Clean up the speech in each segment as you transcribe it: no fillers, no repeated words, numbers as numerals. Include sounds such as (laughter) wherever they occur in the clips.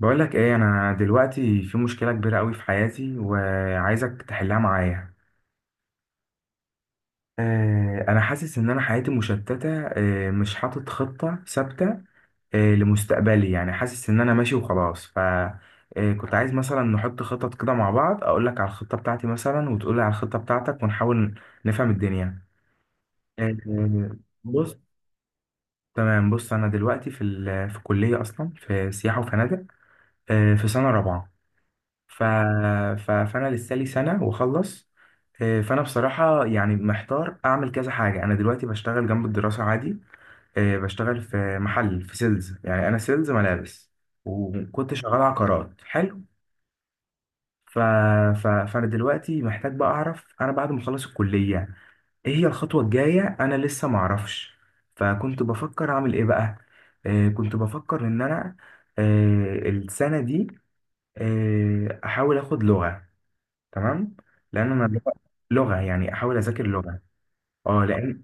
بقول لك ايه انا دلوقتي في مشكله كبيره قوي في حياتي وعايزك تحلها معايا. انا حاسس ان انا حياتي مشتته، مش حاطط خطه ثابته لمستقبلي، يعني حاسس ان انا ماشي وخلاص ف آه، كنت عايز مثلا نحط خطط كده مع بعض، اقول لك على الخطه بتاعتي مثلا وتقول لي على الخطه بتاعتك ونحاول نفهم الدنيا. آه، بص. تمام، بص، انا دلوقتي في في كليه اصلا في سياحه وفنادق، في سنه رابعه. ف... فانا لسه لي سنه واخلص. فانا بصراحه يعني محتار اعمل كذا حاجه، انا دلوقتي بشتغل جنب الدراسه عادي، بشتغل في محل في سيلز، يعني انا سيلز ملابس، وكنت شغال عقارات حلو. ف... فانا دلوقتي محتاج بقى اعرف انا بعد ما اخلص الكليه ايه هي الخطوه الجايه، انا لسه ما اعرفش. فكنت بفكر اعمل ايه بقى، كنت بفكر ان انا السنه دي احاول اخد لغه. تمام، لان انا لغه، يعني احاول اذاكر لغه. اه، لان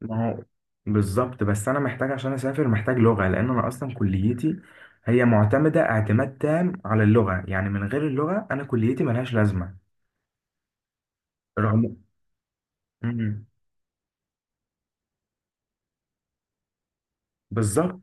ما هو بالظبط، بس انا محتاج عشان اسافر، محتاج لغه، لان انا اصلا كليتي هي معتمده اعتماد تام على اللغه، يعني من غير اللغه انا كليتي ملهاش لازمه، رغم. مم. بالظبط.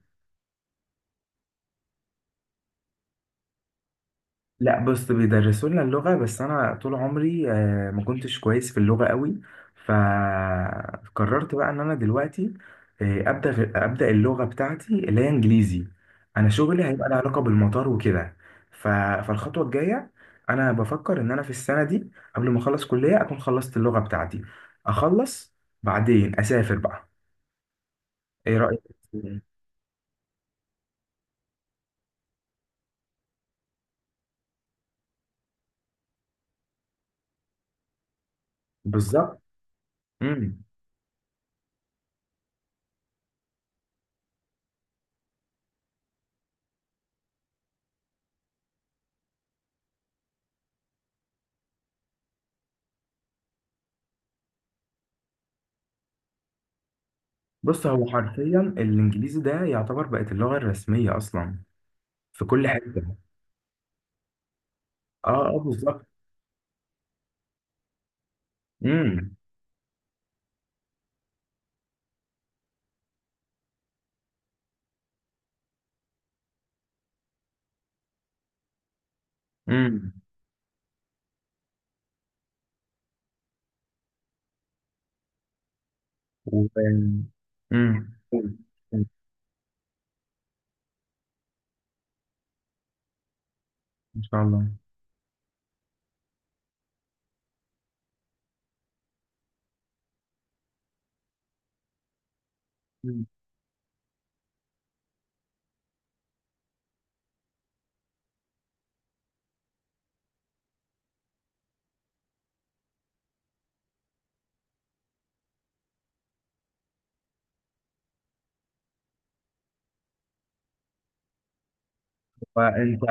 لا، بص بيدرسوا لنا اللغة، بس أنا طول عمري ما كنتش كويس في اللغة قوي، فقررت بقى إن أنا دلوقتي أبدأ اللغة بتاعتي اللي هي إنجليزي. أنا شغلي هيبقى له علاقة بالمطار وكده. ف- فالخطوة الجاية، أنا بفكر إن أنا في السنة دي قبل ما أخلص كلية أكون خلصت اللغة بتاعتي، أخلص، بعدين أسافر بقى. إيه رأيك؟ بالظبط. مم. بص، هو حرفيا الإنجليزي ده يعتبر بقت اللغة الرسمية أصلا، في كل حته. اه، اه، بالظبط. امم، امم. و امم ان شاء الله. فانت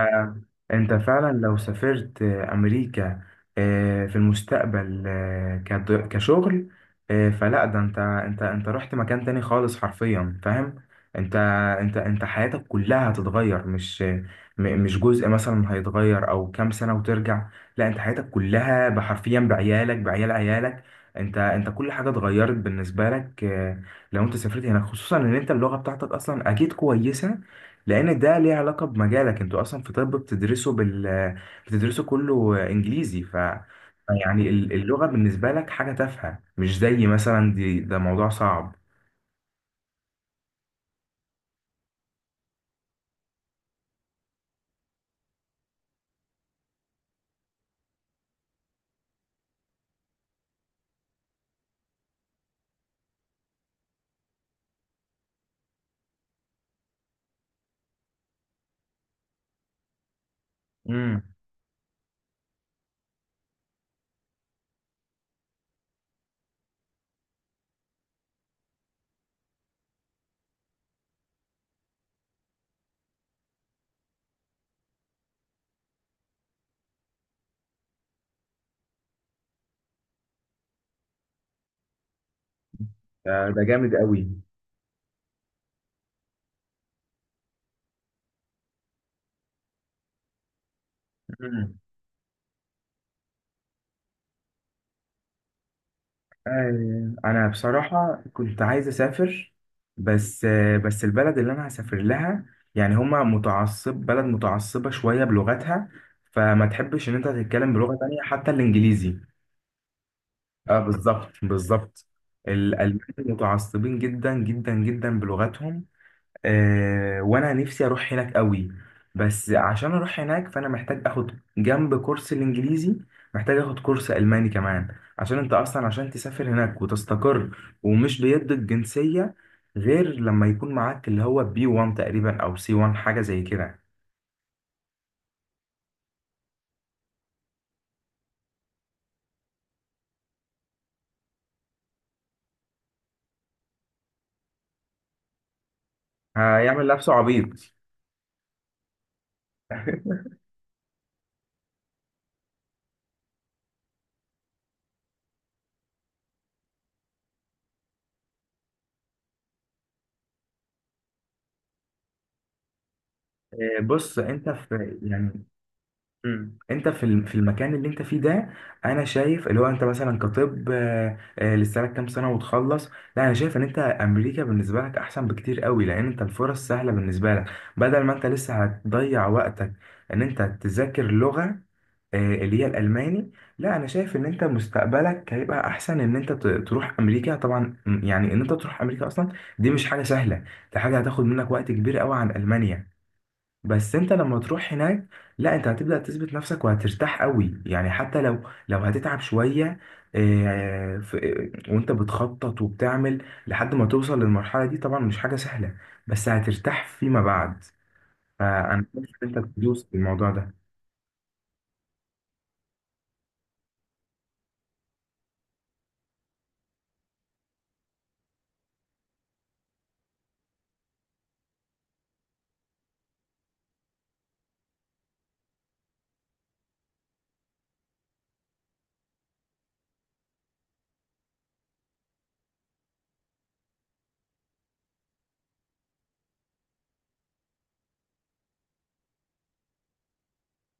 انت فعلا لو سافرت امريكا في المستقبل كشغل. فلا، ده انت رحت مكان تاني خالص، حرفيا، فاهم. انت انت حياتك كلها هتتغير، مش جزء مثلا هيتغير، او كام سنة وترجع. لا، انت حياتك كلها، بحرفيا، بعيالك، بعيال عيالك، انت كل حاجة اتغيرت بالنسبة لك، لو انت سافرت هناك، خصوصا ان انت اللغة بتاعتك اصلا اكيد كويسة، لان ده ليه علاقه بمجالك. انتوا اصلا في طب بتدرسوا بتدرسوا كله انجليزي. يعني اللغه بالنسبه لك حاجه تافهه، مش زي مثلا دي، ده موضوع صعب. امم. ده جامد قوي. امم. انا بصراحه كنت عايز اسافر، بس البلد اللي انا هسافر لها، يعني هما متعصب، بلد متعصبه شويه بلغتها، فما تحبش ان انت تتكلم بلغه تانية حتى الانجليزي. اه، بالظبط، بالظبط. الألمان متعصبين جدا جدا جدا بلغتهم. وانا نفسي اروح هناك قوي، بس عشان اروح هناك فانا محتاج اخد جنب كورس الانجليزي، محتاج اخد كورس الماني كمان، عشان انت اصلا عشان تسافر هناك وتستقر، ومش بيدوا الجنسية غير لما يكون معاك اللي هو بي 1 تقريبا او سي 1، حاجة زي كده. هيعمل نفسه عبيط. (laughs) بص، انت في، يعني، مم. انت في في المكان اللي انت فيه ده، انا شايف اللي هو انت مثلا كطب، لسه لك كام سنه وتخلص. لا، انا شايف ان انت امريكا بالنسبه لك احسن بكتير قوي، لان انت الفرص سهله بالنسبه لك، بدل ما انت لسه هتضيع وقتك ان انت تذاكر لغه اللي هي الالماني. لا، انا شايف ان انت مستقبلك هيبقى احسن ان انت تروح امريكا. طبعا يعني ان انت تروح امريكا اصلا، دي مش حاجه سهله، دي حاجه هتاخد منك وقت كبير قوي عن المانيا. بس انت لما تروح هناك، لا انت هتبدأ تثبت نفسك وهترتاح قوي، يعني حتى لو هتتعب شوية، اه، وانت بتخطط وبتعمل لحد ما توصل للمرحلة دي، طبعا مش حاجة سهلة، بس هترتاح فيما بعد. فانا شايف ان انت تدوس في الموضوع ده.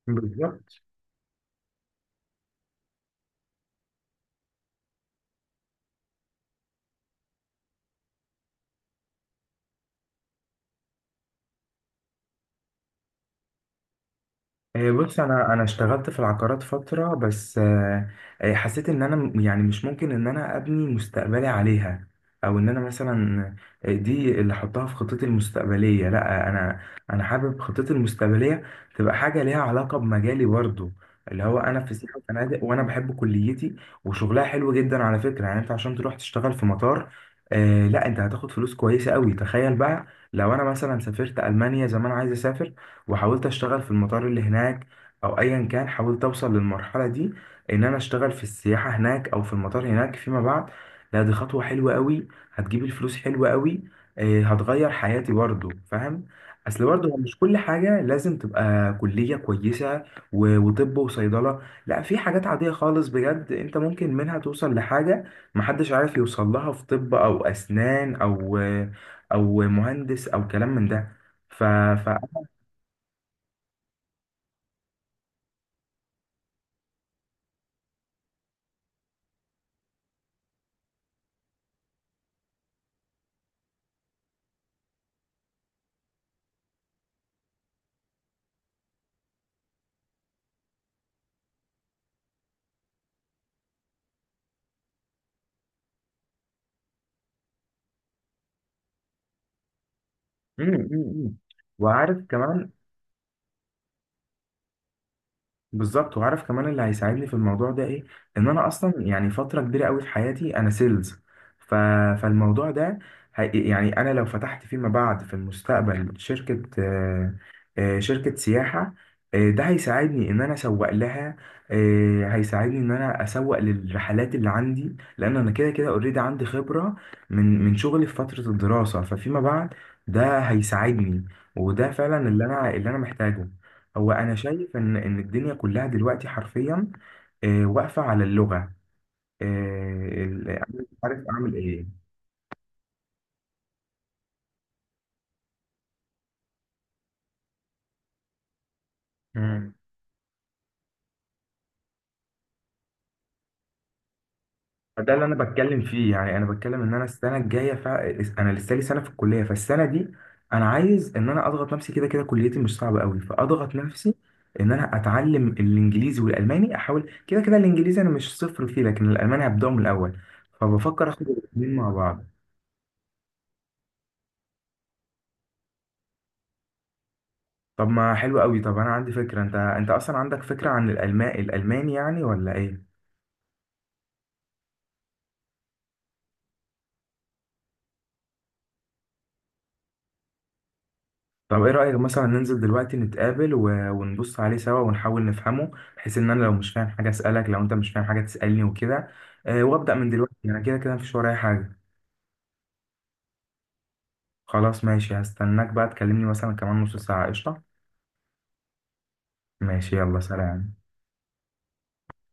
بالظبط. إيه، بص، انا اشتغلت في العقارات فتره، بس حسيت ان انا يعني مش ممكن ان انا ابني مستقبلي عليها، او ان انا مثلا دي اللي احطها في خطتي المستقبليه. لا، انا حابب خطتي المستقبليه تبقى حاجه ليها علاقه بمجالي برضو، اللي هو انا في سياحه وفنادق، وانا بحب كليتي وشغلها حلو جدا على فكره، يعني انت عشان تروح تشتغل في مطار. لا، انت هتاخد فلوس كويسه قوي، تخيل بقى لو انا مثلا سافرت المانيا زي ما انا عايز اسافر، وحاولت اشتغل في المطار اللي هناك، او ايا كان حاولت اوصل للمرحله دي، ان انا اشتغل في السياحه هناك او في المطار هناك فيما بعد. لا، دي خطوه حلوه قوي، هتجيب الفلوس حلوه قوي، هتغير حياتي برضه، فاهم. اصل برضه هو مش كل حاجه لازم تبقى كليه كويسه، وطب، وصيدله. لا، في حاجات عاديه خالص بجد، انت ممكن منها توصل لحاجه محدش عارف يوصل لها في طب او اسنان او مهندس او كلام من ده ف... مم، مم، مم. وعارف كمان، بالظبط، وعارف كمان اللي هيساعدني في الموضوع ده ايه، ان انا اصلا يعني فتره كبيره قوي في حياتي انا سيلز ف... فالموضوع ده، يعني انا لو فتحت فيما بعد في المستقبل شركه، شركه سياحه، ده هيساعدني ان انا اسوق لها، هيساعدني ان انا اسوق للرحلات اللي عندي، لان انا كده كده اوريدي عندي خبره من شغلي في فتره الدراسه، ففيما بعد ده هيساعدني، وده فعلا اللي انا محتاجه. هو انا شايف ان الدنيا كلها دلوقتي حرفيا واقفه على اللغه، انا مش عارف اعمل ايه. مم. ده اللي انا بتكلم فيه، يعني انا بتكلم ان انا السنه الجايه. انا لسه لي سنه في الكليه، فالسنه دي انا عايز ان انا اضغط نفسي، كده كده كليتي مش صعبه قوي، فاضغط نفسي ان انا اتعلم الانجليزي والالماني، احاول كده كده الانجليزي انا مش صفر فيه، لكن الالماني هبداه من الاول، فبفكر اخد الاثنين مع بعض. طب ما حلو قوي. طب انا عندي فكره، انت اصلا عندك فكره عن الالماني الالماني، يعني ولا ايه؟ طب ايه رايك مثلا ننزل دلوقتي نتقابل، ونبص عليه سوا ونحاول نفهمه، بحيث ان انا لو مش فاهم حاجه اسالك، لو انت مش فاهم حاجه تسالني وكده. أه، وابدا من دلوقتي، انا كده كده مفيش ورايا حاجه. خلاص، ماشي، هستناك بقى تكلمني مثلا كمان نص ساعه. قشطه. ماشي، يلا، سلام.